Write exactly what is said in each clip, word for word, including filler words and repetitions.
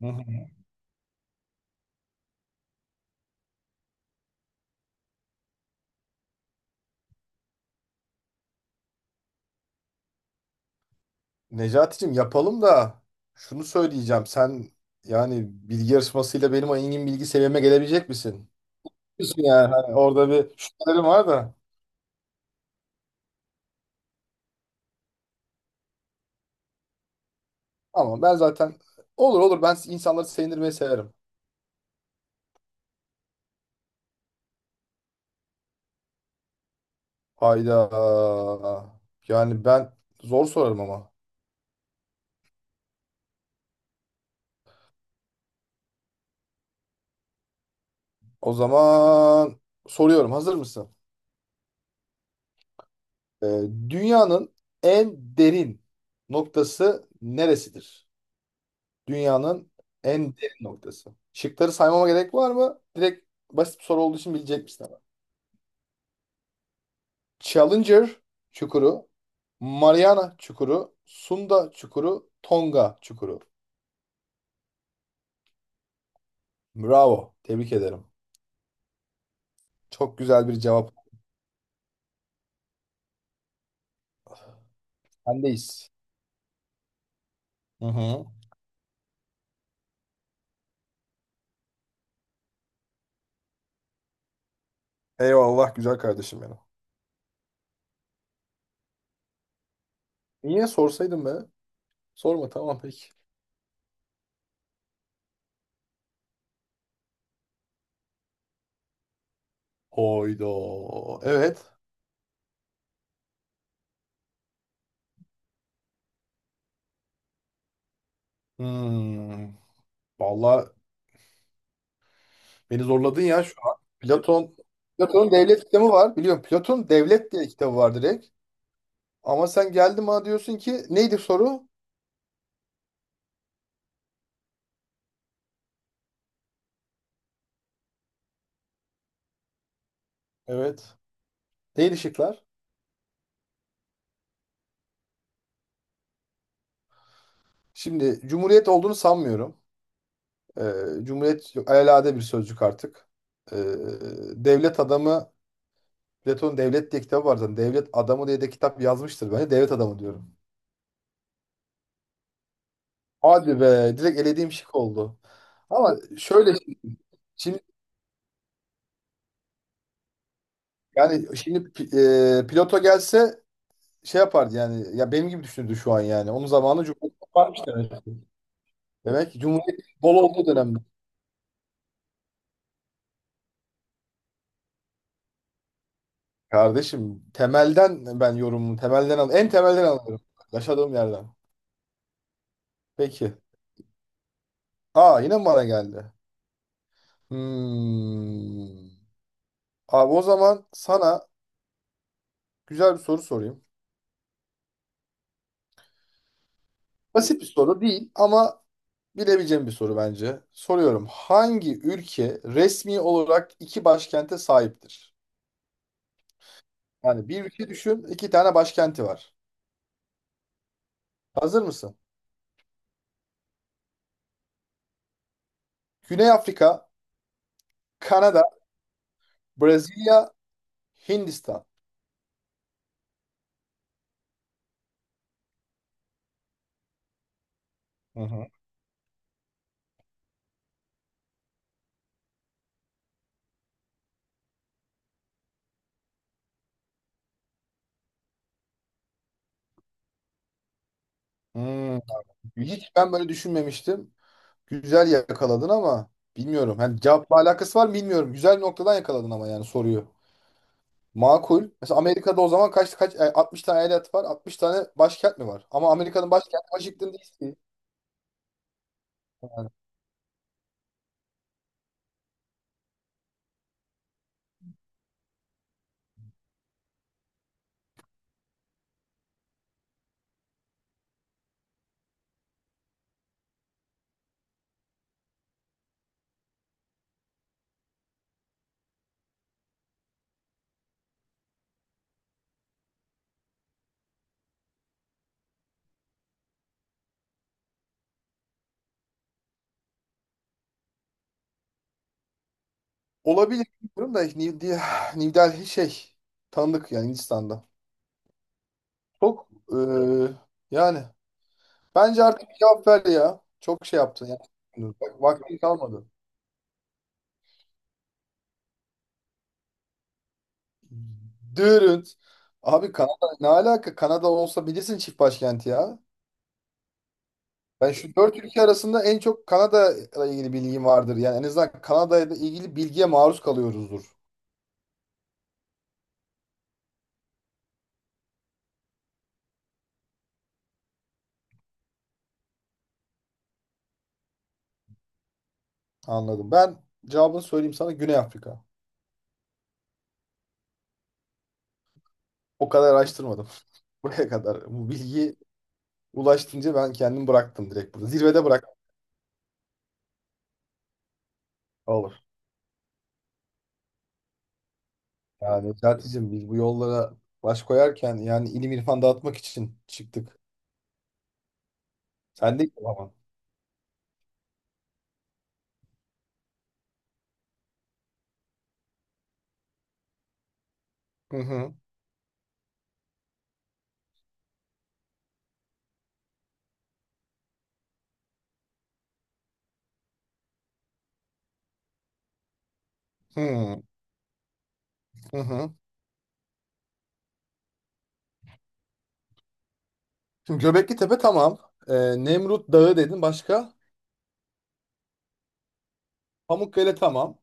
Hı hı. Necati'cim yapalım da şunu söyleyeceğim. Sen yani bilgi yarışmasıyla benim engin bilgi seviyeme gelebilecek misin? Biliyorsun yani hani orada bir şüphelerim var da. Ama ben zaten olur olur ben insanları sevindirmeyi severim. Hayda. Yani ben zor sorarım ama. O zaman soruyorum. Hazır mısın? Ee, Dünyanın en derin noktası neresidir? Dünyanın en derin noktası. Şıkları saymama gerek var mı? Direkt basit bir soru olduğu için bilecek misin ama. Challenger çukuru, Mariana çukuru, Sunda çukuru, Tonga çukuru. Bravo. Tebrik ederim. Çok güzel bir cevap. Sendeyiz. Hı hı. Eyvallah güzel kardeşim benim. Niye sorsaydın be? Sorma tamam peki. Hoydo. Evet. Hmm. Vallahi beni zorladın ya şu an. Platon, Platon'un devlet kitabı var. Biliyorum Platon devlet diye kitabı var direkt. Ama sen geldin bana diyorsun ki neydi soru? Evet. Neydi şıklar? Şimdi cumhuriyet olduğunu sanmıyorum. Ee, Cumhuriyet yok, alelade bir sözcük artık. Ee, Devlet adamı, Platon devlet diye kitabı var zaten. Devlet adamı diye de kitap yazmıştır. Ben de devlet adamı diyorum. Hadi be direkt elediğim şık oldu. Ama şöyle şimdi yani şimdi e, Plato gelse şey yapardı yani. Ya benim gibi düşündü şu an yani. Onun zamanı Cumhuriyet varmış demek. Demek ki Cumhuriyet bol olduğu dönemde. Kardeşim temelden ben yorumumu temelden al en temelden alıyorum. Yaşadığım yerden. Peki. Aa yine mi bana geldi? Hmm. Abi o zaman sana güzel bir soru sorayım. Basit bir soru değil ama bilebileceğim bir soru bence. Soruyorum. Hangi ülke resmi olarak iki başkente sahiptir? Yani bir ülke düşün, iki tane başkenti var. Hazır mısın? Güney Afrika, Kanada, Brezilya, Hindistan. Hı hı. Hmm. Hiç ben böyle düşünmemiştim. Güzel yakaladın ama bilmiyorum. Hani cevapla alakası var mı bilmiyorum. Güzel bir noktadan yakaladın ama yani soruyu. Makul. Mesela Amerika'da o zaman kaç kaç e, altmış tane eyalet var, altmış tane başkent mi var? Ama Amerika'nın başkenti Washington D C. Olabilir bilmiyorum da New, Del- New Delhi şey tanıdık yani Hindistan'da. Çok e, yani bence artık cevap ver ya. Çok şey yaptın ya. Bak, vaktin kalmadı. Dürünt. Abi Kanada ne alaka? Kanada olsa bilirsin çift başkenti ya. Ben şu dört ülke arasında en çok Kanada ile ilgili bilgim vardır. Yani en azından Kanada ile ilgili bilgiye maruz kalıyoruzdur. Anladım. Ben cevabını söyleyeyim sana, Güney Afrika. O kadar araştırmadım. Buraya kadar. Bu bilgi ulaştınca ben kendim bıraktım direkt burada. Zirvede bıraktım. Olur. Yani, Necati'cim, biz bu yollara baş koyarken yani ilim irfan dağıtmak için çıktık. Sen de ama. Hı hı. Hı hı. hı. Şimdi Göbekli Tepe tamam. Ee, Nemrut Dağı dedin başka. Pamukkale tamam.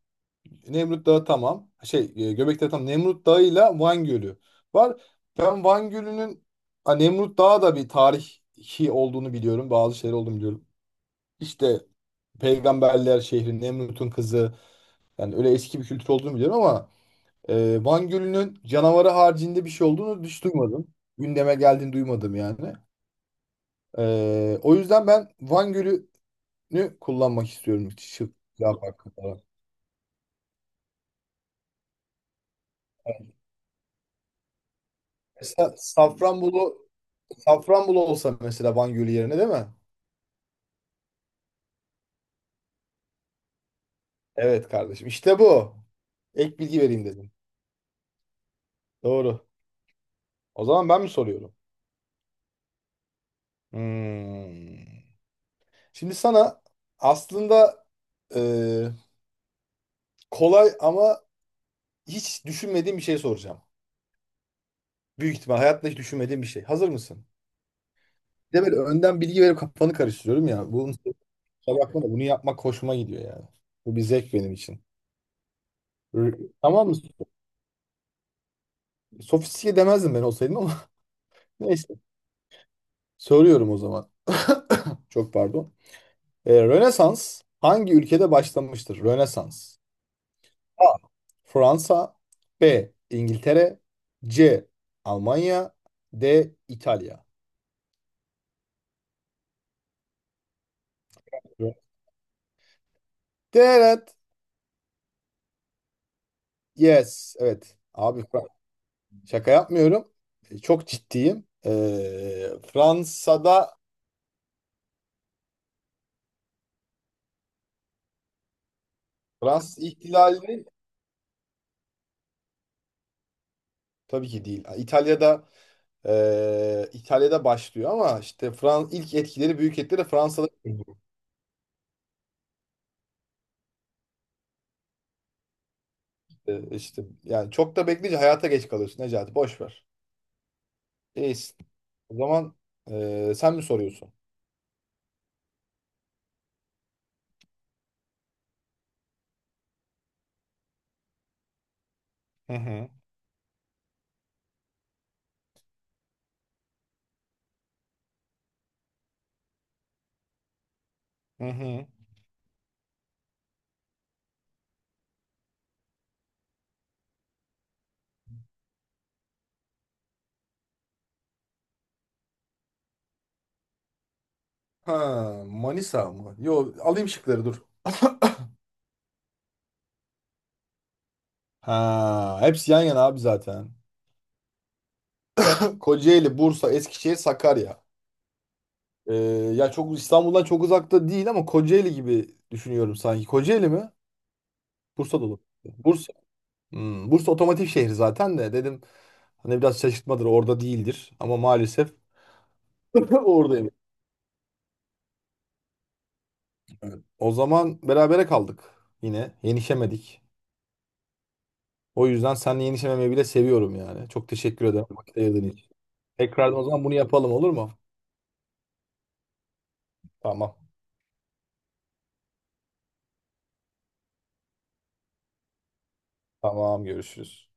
Nemrut Dağı tamam. Şey e, Göbekli Tepe tamam. Nemrut Dağı ile Van Gölü var. Ben Van Gölü'nün ha, Nemrut Dağı da bir tarihi olduğunu biliyorum. Bazı şeyler olduğunu biliyorum. İşte Peygamberler şehri, Nemrut'un kızı. Yani öyle eski bir kültür olduğunu biliyorum ama Ee, Van Gölü'nün canavarı haricinde bir şey olduğunu hiç duymadım. Gündeme geldiğini duymadım yani. Ee, o yüzden ben Van Gölü'nü kullanmak istiyorum. Şıp, laf hakkı falan. Mesela Safranbolu, Safranbolu olsa mesela Van Gölü yerine değil mi? Evet kardeşim, İşte bu. Ek bilgi vereyim dedim. Doğru. O zaman ben mi soruyorum? Hmm. Şimdi sana aslında e, kolay ama hiç düşünmediğim bir şey soracağım. Büyük ihtimal hayatta hiç düşünmediğim bir şey. Hazır mısın? Bir de böyle önden bilgi verip kafanı karıştırıyorum ya. Bunun kusura bakma da bunu yapmak hoşuma gidiyor yani. Bu bir zevk benim için. R- Tamam mı? Sofistike demezdim ben olsaydım ama neyse. Soruyorum o zaman. Çok pardon. Ee, Rönesans hangi ülkede başlamıştır? Rönesans. A. Fransa. B. İngiltere. C. Almanya. D. İtalya. Rö- Evet. Yes. Evet. Abi şaka yapmıyorum. E, Çok ciddiyim. E, Fransa'da Fransız ihtilali tabii ki değil. İtalya'da e, İtalya'da başlıyor ama işte Frans ilk etkileri büyük etkileri Fransa'da e, işte yani çok da bekleyince hayata geç kalıyorsun Necati, boş ver. İyisin. O zaman e, sen mi soruyorsun? Hı hı. Hı hı. Ha, Manisa mı? Yo alayım şıkları dur. Ha, hepsi yan yana abi zaten. Kocaeli, Bursa, Eskişehir, Sakarya. Ee, ya çok İstanbul'dan çok uzakta değil ama Kocaeli gibi düşünüyorum sanki. Kocaeli mi? Bursa'da olur. Bursa. Hmm, Bursa otomotiv şehri zaten de dedim hani biraz şaşırtmadır orada değildir ama maalesef oradayım. O zaman berabere kaldık, yine yenişemedik. O yüzden seninle yenişememeyi bile seviyorum yani. Çok teşekkür ederim vakit ayırdığın için. Tekrardan o zaman bunu yapalım, olur mu? Tamam. Tamam görüşürüz.